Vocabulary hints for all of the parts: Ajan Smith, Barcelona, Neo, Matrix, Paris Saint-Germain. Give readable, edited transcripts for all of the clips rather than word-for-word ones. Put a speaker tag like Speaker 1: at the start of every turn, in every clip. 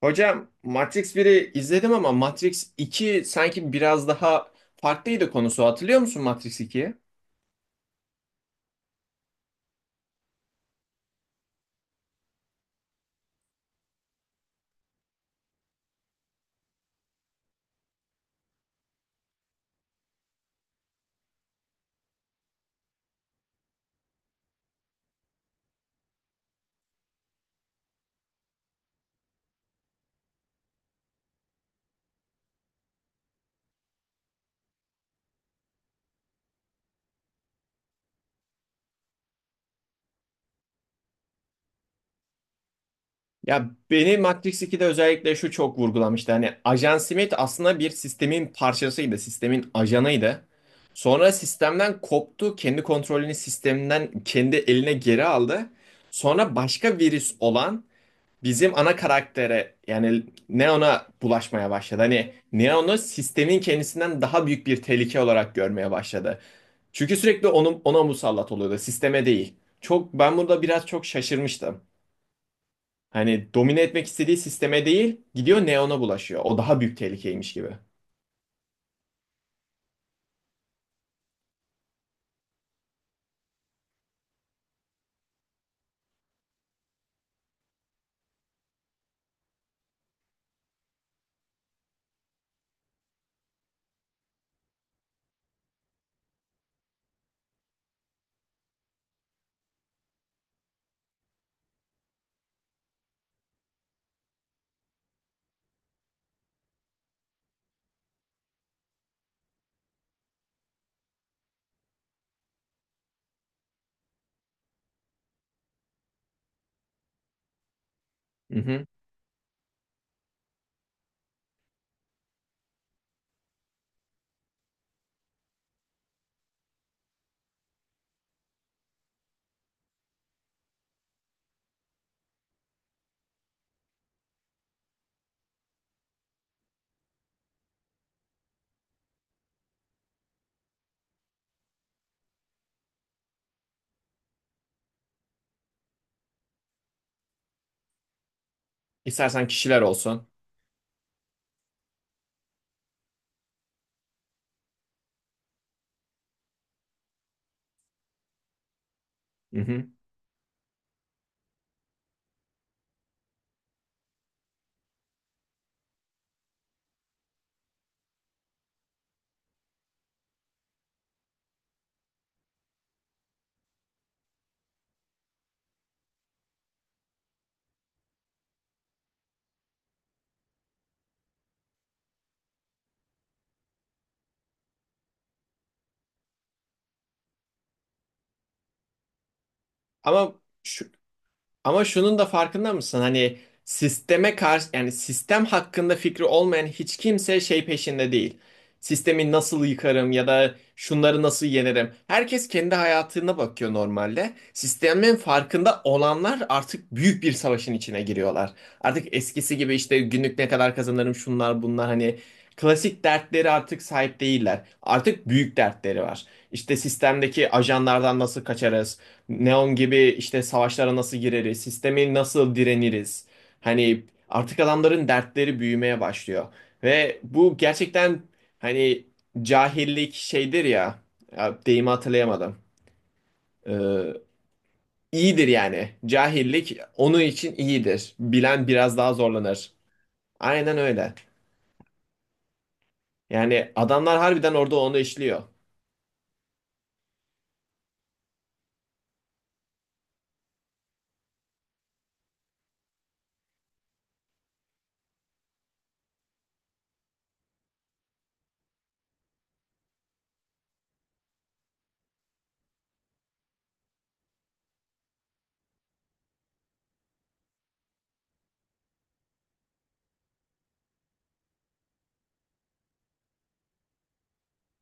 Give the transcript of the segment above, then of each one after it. Speaker 1: Hocam Matrix biri izledim ama Matrix iki sanki biraz daha farklıydı konusu. Hatırlıyor musun Matrix 2'yi? Ya beni Matrix 2'de özellikle şu çok vurgulamıştı. Hani Ajan Smith aslında bir sistemin parçasıydı, sistemin ajanıydı. Sonra sistemden koptu, kendi kontrolünü sisteminden kendi eline geri aldı. Sonra başka virüs olan bizim ana karaktere yani Neo'na bulaşmaya başladı. Hani Neo'nu sistemin kendisinden daha büyük bir tehlike olarak görmeye başladı. Çünkü sürekli onu, ona musallat oluyordu, sisteme değil. Çok ben burada biraz çok şaşırmıştım. Hani domine etmek istediği sisteme değil, gidiyor Neo'na bulaşıyor. O daha büyük tehlikeymiş gibi. Hı hı. İstersen kişiler olsun. Hı hı. Ama şu, Ama şunun da farkında mısın? Hani sisteme karşı yani sistem hakkında fikri olmayan hiç kimse şey peşinde değil. Sistemi nasıl yıkarım ya da şunları nasıl yenerim? Herkes kendi hayatına bakıyor normalde. Sistemin farkında olanlar artık büyük bir savaşın içine giriyorlar. Artık eskisi gibi işte günlük ne kadar kazanırım şunlar bunlar hani klasik dertleri artık sahip değiller. Artık büyük dertleri var. İşte sistemdeki ajanlardan nasıl kaçarız? Neon gibi işte savaşlara nasıl gireriz, sistemi nasıl direniriz. Hani artık adamların dertleri büyümeye başlıyor. Ve bu gerçekten hani cahillik şeydir ya, ya deyimi hatırlayamadım. Ee, iyidir yani. Cahillik onun için iyidir. Bilen biraz daha zorlanır. Aynen öyle. Yani adamlar harbiden orada onu işliyor.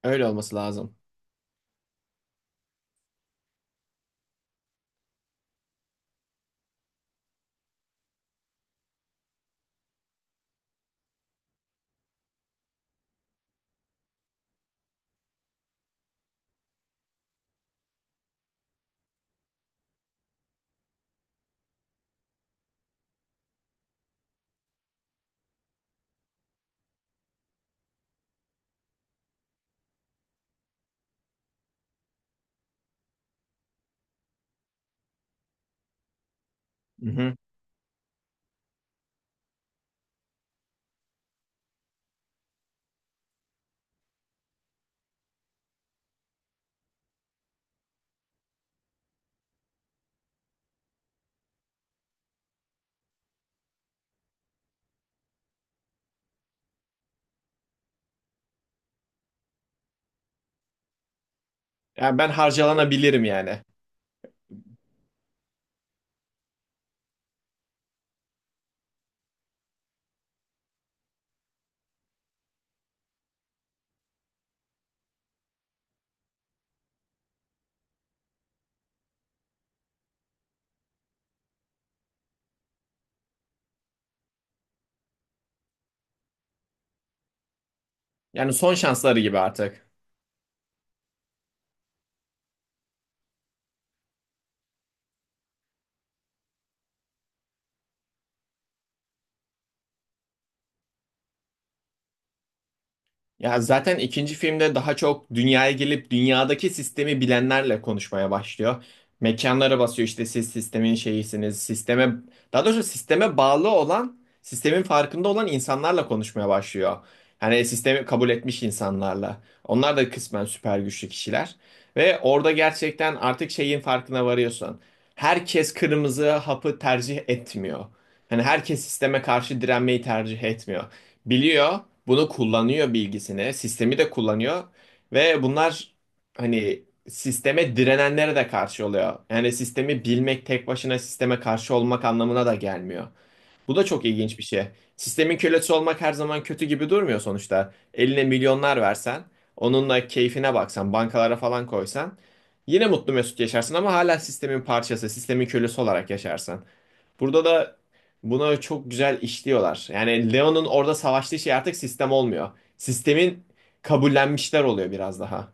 Speaker 1: Öyle olması lazım. Hı hı. Yani ben harcalanabilirim yani. Yani son şansları gibi artık. Ya zaten ikinci filmde daha çok dünyaya gelip dünyadaki sistemi bilenlerle konuşmaya başlıyor. Mekanlara basıyor işte siz sistemin şeyisiniz. Sisteme daha doğrusu sisteme bağlı olan, sistemin farkında olan insanlarla konuşmaya başlıyor. Yani sistemi kabul etmiş insanlarla. Onlar da kısmen süper güçlü kişiler ve orada gerçekten artık şeyin farkına varıyorsun. Herkes kırmızı hapı tercih etmiyor. Yani herkes sisteme karşı direnmeyi tercih etmiyor. Biliyor, bunu kullanıyor bilgisini, sistemi de kullanıyor ve bunlar hani sisteme direnenlere de karşı oluyor. Yani sistemi bilmek tek başına sisteme karşı olmak anlamına da gelmiyor. Bu da çok ilginç bir şey. Sistemin kölesi olmak her zaman kötü gibi durmuyor sonuçta. Eline milyonlar versen, onunla keyfine baksan, bankalara falan koysan yine mutlu mesut yaşarsın ama hala sistemin parçası, sistemin kölesi olarak yaşarsın. Burada da buna çok güzel işliyorlar. Yani Leon'un orada savaştığı şey artık sistem olmuyor. Sistemin kabullenmişler oluyor biraz daha.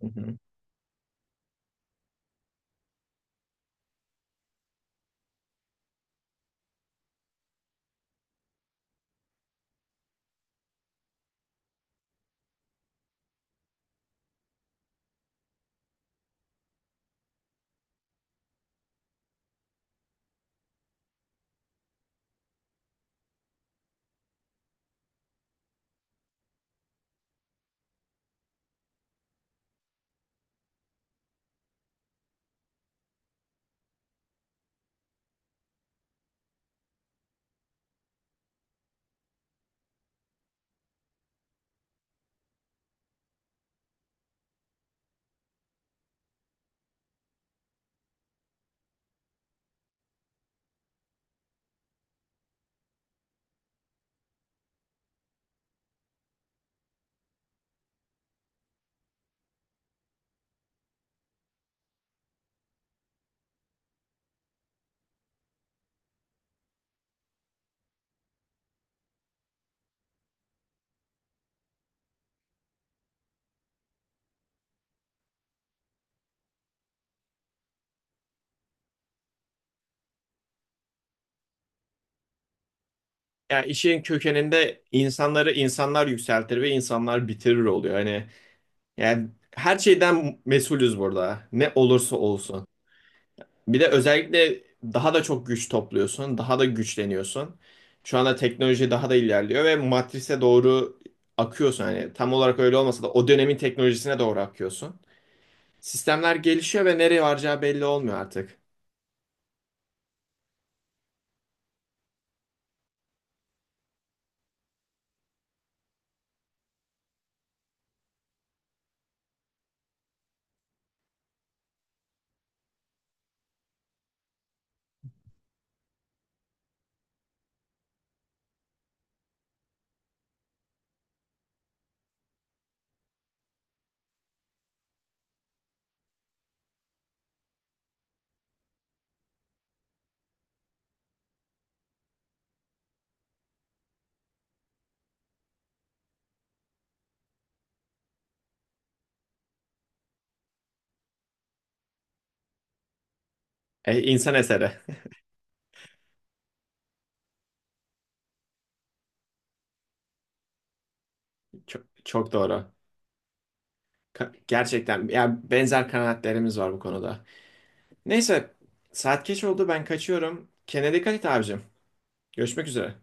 Speaker 1: Hı hı. Yani işin kökeninde insanları insanlar yükseltir ve insanlar bitirir oluyor. Hani yani her şeyden mesulüz burada. Ne olursa olsun. Bir de özellikle daha da çok güç topluyorsun, daha da güçleniyorsun. Şu anda teknoloji daha da ilerliyor ve matrise doğru akıyorsun. Hani tam olarak öyle olmasa da o dönemin teknolojisine doğru akıyorsun. Sistemler gelişiyor ve nereye varacağı belli olmuyor artık. İnsan eseri. Çok, çok doğru. Gerçekten yani benzer kanaatlerimiz var bu konuda. Neyse saat geç oldu ben kaçıyorum. Kendine dikkat et abicim. Görüşmek üzere.